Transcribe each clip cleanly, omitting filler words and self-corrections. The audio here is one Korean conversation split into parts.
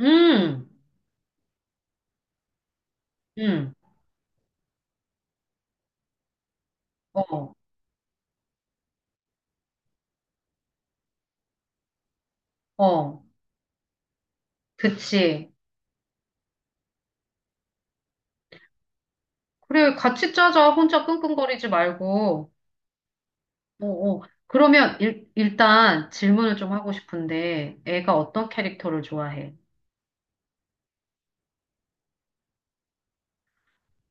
음, 음, 어, 어, 그치. 그래, 같이 짜자. 혼자 끙끙거리지 말고. 어, 어. 그러면 일단 질문을 좀 하고 싶은데, 애가 어떤 캐릭터를 좋아해?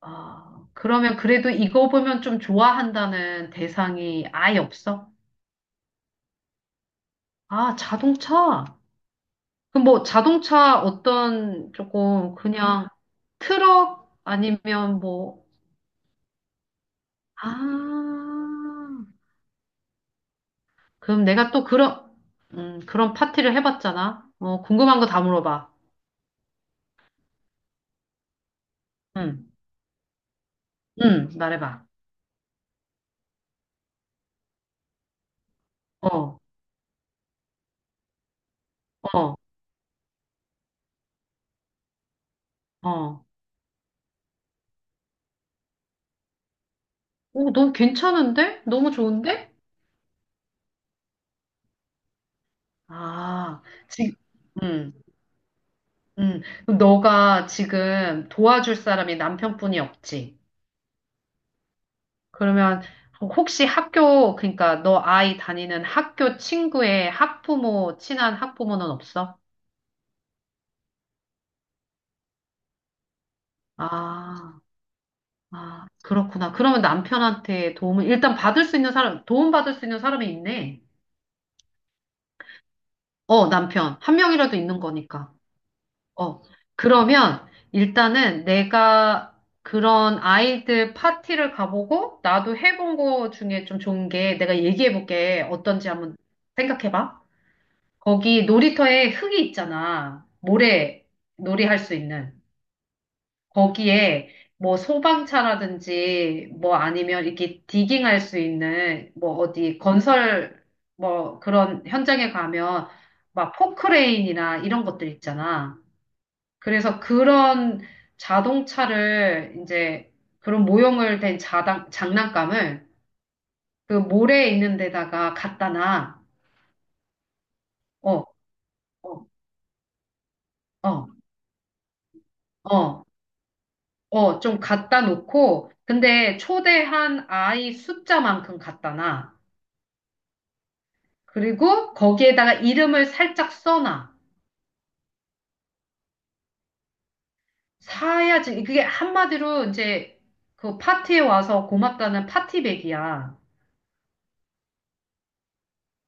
아, 그러면 그래도 이거 보면 좀 좋아한다는 대상이 아예 없어? 아, 자동차. 그럼 뭐 자동차 어떤 조금 그냥 트럭 아니면 뭐, 아, 그럼 내가 또 그런, 그런 파티를 해봤잖아. 어, 궁금한 거 다 물어봐. 응, 응, 말해봐. 어, 어, 어. 오, 너무 괜찮은데? 너무 좋은데? 아, 지금, 음, 그럼 너가 지금 도와줄 사람이 남편뿐이 없지. 그러면 혹시 학교, 그러니까 너 아이 다니는 학교 친구의 학부모, 친한 학부모는 없어? 아. 아, 그렇구나. 그러면 남편한테 도움을, 일단 받을 수 있는 사람, 도움받을 수 있는 사람이 있네. 어, 남편. 한 명이라도 있는 거니까. 어. 그러면 일단은 내가 그런 아이들 파티를 가보고 나도 해본 거 중에 좀 좋은 게 내가 얘기해볼게. 어떤지 한번 생각해봐. 거기 놀이터에 흙이 있잖아. 모래 놀이 할 수 있는. 거기에 뭐 소방차라든지 뭐 아니면 이렇게 디깅할 수 있는 뭐 어디 건설 뭐 그런 현장에 가면 막 포크레인이나 이런 것들 있잖아. 그래서 그런 자동차를 이제 그런 모형을 된 장난감을 그 모래에 있는 데다가 갖다 놔. 어, 어, 어, 어, 어, 좀 갖다 놓고 근데 초대한 아이 숫자만큼 갖다 놔. 그리고 거기에다가 이름을 살짝 써놔. 사야지. 그게 한마디로 이제 그 파티에 와서 고맙다는 파티백이야.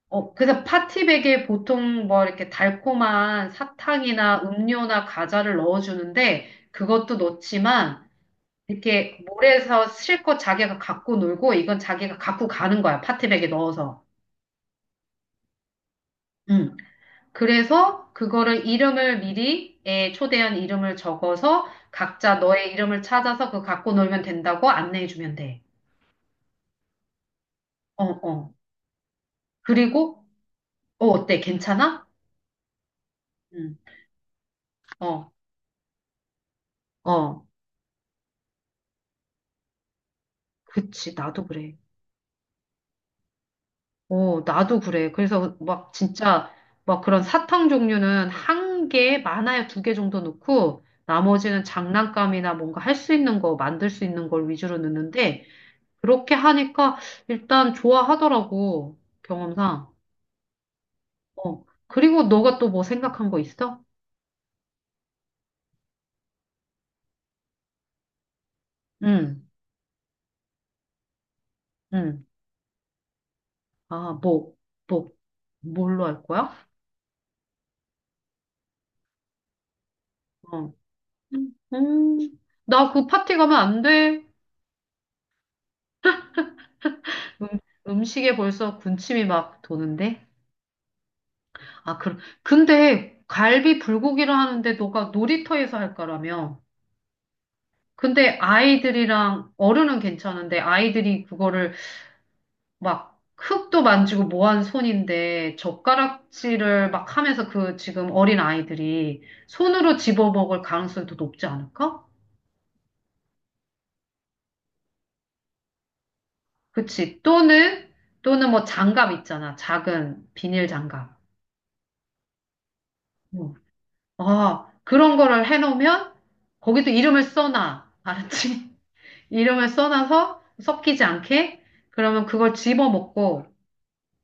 어, 그래서 파티백에 보통 뭐 이렇게 달콤한 사탕이나 음료나 과자를 넣어주는데 그것도 넣지만 이렇게 몰에서 실컷 자기가 갖고 놀고 이건 자기가 갖고 가는 거야. 파티백에 넣어서. 응. 그래서 그거를 이름을 미리 애 초대한 이름을 적어서 각자 너의 이름을 찾아서 그거 갖고 놀면 된다고 안내해 주면 돼. 어, 어. 그리고 어, 어때? 괜찮아? 응. 어. 어. 그치. 나도 그래. 어, 나도 그래. 그래서 막 진짜 막 그런 사탕 종류는 한 개, 많아야 두 개 정도 넣고 나머지는 장난감이나 뭔가 할 수 있는 거, 만들 수 있는 걸 위주로 넣는데 그렇게 하니까 일단 좋아하더라고. 경험상. 어. 그리고 너가 또 뭐 생각한 거 있어? 응, 응. 아, 뭐, 뭐, 뭘로 할 거야? 어. 음, 음, 나 그 파티 가면 안 돼. 음, 음식에 벌써 군침이 막 도는데. 아, 그, 럼 근데 갈비 불고기를 하는데 너가 놀이터에서 할 거라며. 근데 아이들이랑 어른은 괜찮은데 아이들이 그거를 막 흙도 만지고 뭐 하는 손인데 젓가락질을 막 하면서 그 지금 어린 아이들이 손으로 집어먹을 가능성이 더 높지 않을까? 그치. 또는, 또는 장갑 있잖아. 작은 비닐 장갑. 음. 아, 그런 거를 해놓으면 거기도 이름을 써놔. 알았지? 이름을 써놔서 섞이지 않게 그러면 그걸 집어먹고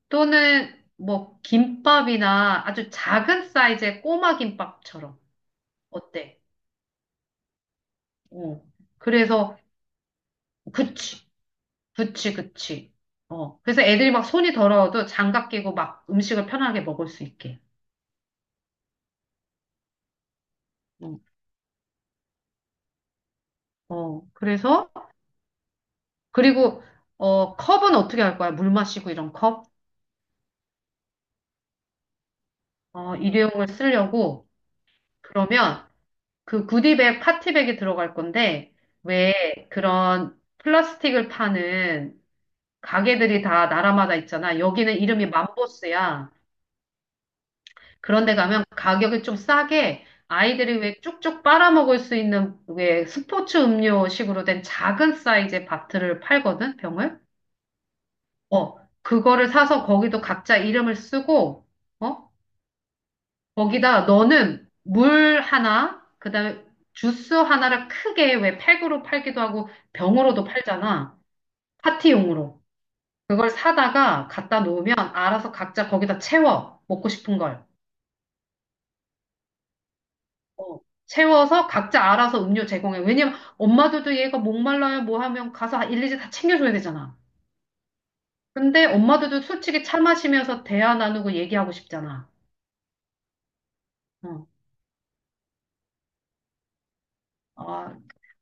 또는 뭐 김밥이나 아주 작은 사이즈의 꼬마 김밥처럼. 어때? 어. 그래서, 그치, 그치, 그치. 어. 그래서 애들이 막 손이 더러워도 장갑 끼고 막 음식을 편하게 먹을 수 있게. 어. 어. 그래서, 그리고, 어, 컵은 어떻게 할 거야? 물 마시고 이런 컵? 어, 일회용을 쓰려고. 그러면 그 구디백, 파티백이 들어갈 건데, 왜 그런 플라스틱을 파는 가게들이 다 나라마다 있잖아. 여기는 이름이 맘보스야. 그런데 가면 가격이 좀 싸게 아이들이 왜 쭉쭉 빨아먹을 수 있는 왜 스포츠 음료식으로 된 작은 사이즈의 바트를 팔거든, 병을. 어, 그거를 사서 거기도 각자 이름을 쓰고, 어, 거기다 너는 물 하나, 그다음에 주스 하나를 크게 왜 팩으로 팔기도 하고 병으로도 팔잖아. 파티용으로. 그걸 사다가 갖다 놓으면 알아서 각자 거기다 채워. 먹고 싶은 걸. 어, 세워서 각자 알아서 음료 제공해. 왜냐면 엄마들도 얘가 목말라요 뭐 하면 가서 아, 일일이 다 챙겨줘야 되잖아. 근데 엄마들도 솔직히 차 마시면서 대화 나누고 얘기하고 싶잖아. 어, 아,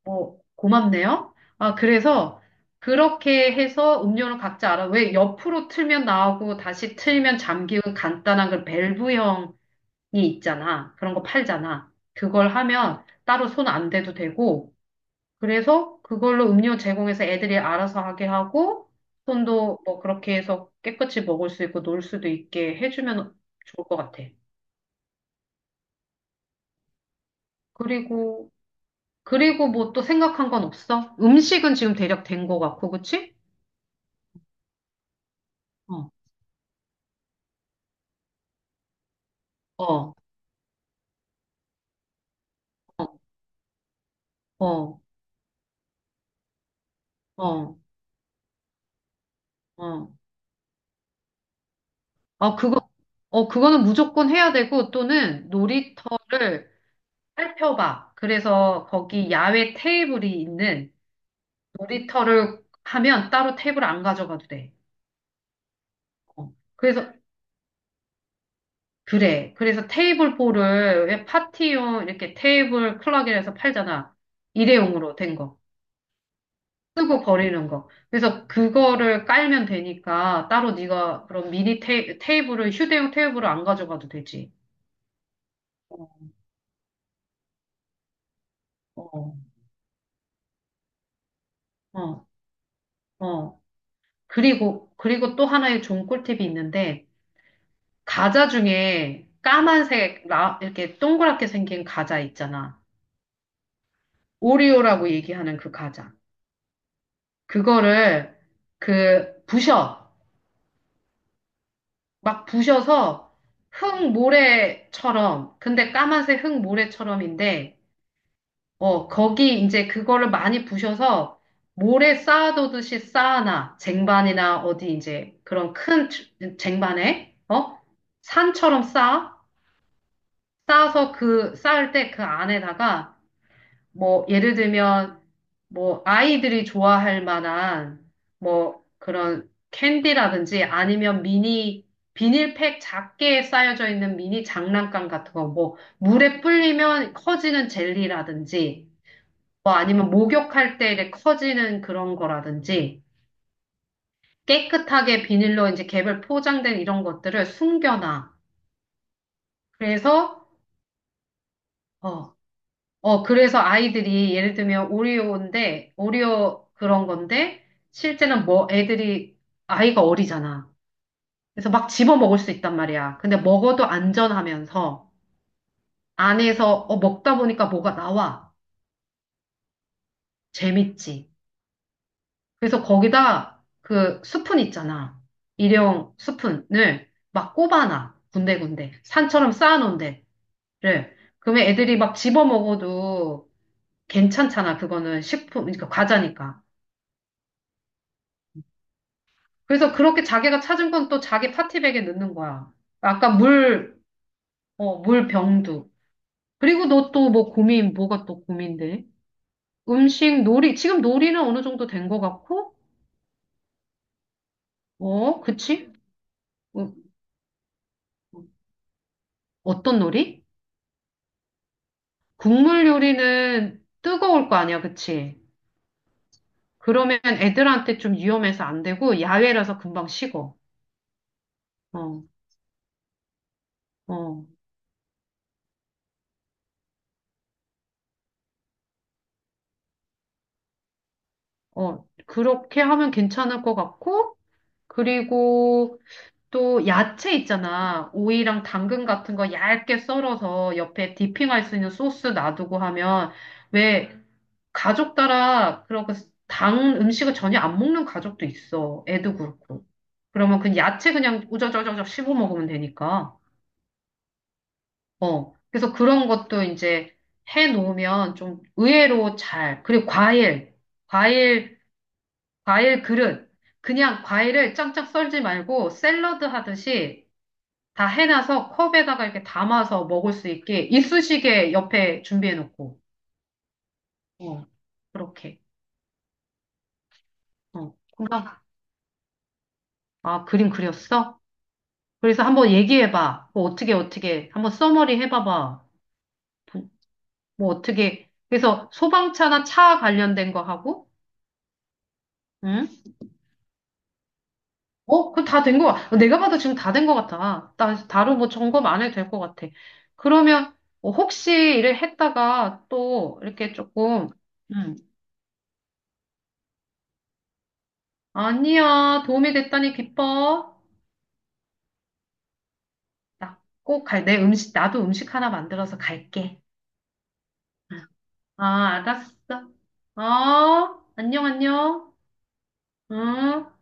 뭐, 고맙네요. 아, 그래서 그렇게 해서 음료를 각자 알아. 왜 옆으로 틀면 나오고 다시 틀면 잠기고 간단한 그 밸브형이 있잖아. 그런 거 팔잖아. 그걸 하면 따로 손 안 대도 되고, 그래서 그걸로 음료 제공해서 애들이 알아서 하게 하고, 손도 뭐 그렇게 해서 깨끗이 먹을 수 있고 놀 수도 있게 해주면 좋을 것 같아. 그리고, 그리고 뭐 또 생각한 건 없어? 음식은 지금 대략 된 것 같고, 그치? 어, 어, 어, 어, 어. 어. 아, 그거, 어, 그거는 무조건 해야 되고, 또는 놀이터를 살펴봐. 그래서 거기 야외 테이블이 있는 놀이터를 하면 따로 테이블 안 가져가도 돼. 어. 그래서 그래. 그래서 테이블 포를 왜 파티용 이렇게 테이블 클럭이라서 팔잖아. 일회용으로 된 거. 쓰고 버리는 거. 그래서 그거를 깔면 되니까 따로 네가 그런 미니 테이블을 휴대용 테이블을 안 가져가도 되지. 어, 어, 어. 어. 그리고 또 하나의 좋은 꿀팁이 있는데 과자 중에 까만색 이렇게 동그랗게 생긴 과자 있잖아. 오리오라고 얘기하는 그 과자. 그거를 그 부셔. 막 부셔서 흙 모래처럼, 근데 까만색 흙 모래처럼인데, 어, 거기 이제 그거를 많이 부셔서 모래 쌓아두듯이 쌓아놔. 쟁반이나 어디 이제 그런 큰 쟁반에, 어? 산처럼 쌓아? 쌓아서 그, 쌓을 때 그 안에다가 뭐, 예를 들면, 뭐, 아이들이 좋아할 만한, 뭐, 그런 캔디라든지 아니면 미니, 비닐팩 작게 쌓여져 있는 미니 장난감 같은 거, 뭐, 물에 불리면 커지는 젤리라든지, 뭐, 아니면 목욕할 때 이렇게 커지는 그런 거라든지, 깨끗하게 비닐로 이제 개별 포장된 이런 것들을 숨겨놔. 그래서, 어, 어, 그래서 아이들이 예를 들면 오리오인데, 오리오 그런 건데, 실제는 뭐 애들이, 아이가 어리잖아. 그래서 막 집어 먹을 수 있단 말이야. 근데 먹어도 안전하면서, 안에서 어, 먹다 보니까 뭐가 나와. 재밌지. 그래서 거기다 그 스푼 있잖아. 일회용 스푼을 막 꼽아놔. 군데군데. 산처럼 쌓아놓은 데를. 그러면 애들이 막 집어 먹어도 괜찮잖아. 그거는 식품, 그러니까 과자니까. 그래서 그렇게 자기가 찾은 건 또 자기 파티백에 넣는 거야. 아까 물, 어, 물 병도. 그리고 너 또 뭐가 또 고민돼? 음식, 놀이. 지금 놀이는 어느 정도 된 것 같고, 어, 그치? 어, 어떤 놀이? 국물 요리는 뜨거울 거 아니야, 그치? 그러면 애들한테 좀 위험해서 안 되고, 야외라서 금방 식어. 어, 어, 어. 그렇게 하면 괜찮을 것 같고, 그리고, 또 야채 있잖아. 오이랑 당근 같은 거 얇게 썰어서 옆에 디핑할 수 있는 소스 놔두고 하면 왜 가족 따라 그렇게 당 음식을 전혀 안 먹는 가족도 있어. 애도 그렇고. 그러면 그 야채 그냥 우저저저저 씹어 먹으면 되니까. 어. 그래서 그런 것도 이제 해 놓으면 좀 의외로 잘. 그리고 과일. 과일, 과일 그릇. 그냥 과일을 짱짱 썰지 말고 샐러드 하듯이 다 해놔서 컵에다가 이렇게 담아서 먹을 수 있게 이쑤시개 옆에 준비해놓고, 어, 그렇게. 어, 그럼, 아, 그림 그렸어? 그래서 한번 얘기해봐. 뭐 어떻게, 어떻게. 한번 써머리 해봐봐. 부- 뭐 어떻게. 그래서 소방차나 차 관련된 거 하고, 응? 어, 그 다 된 거, 아 내가 봐도 지금 다 된 거 같아. 나, 다른 뭐 점검 안 해도 될 거 같아. 그러면, 어, 혹시 일을 했다가 또 이렇게 조금, 음, 아니야, 도움이 됐다니 기뻐. 나 꼭 갈, 내 음식, 나도 음식 하나 만들어서 갈게. 응. 아, 알았어. 어, 안녕, 안녕. 응.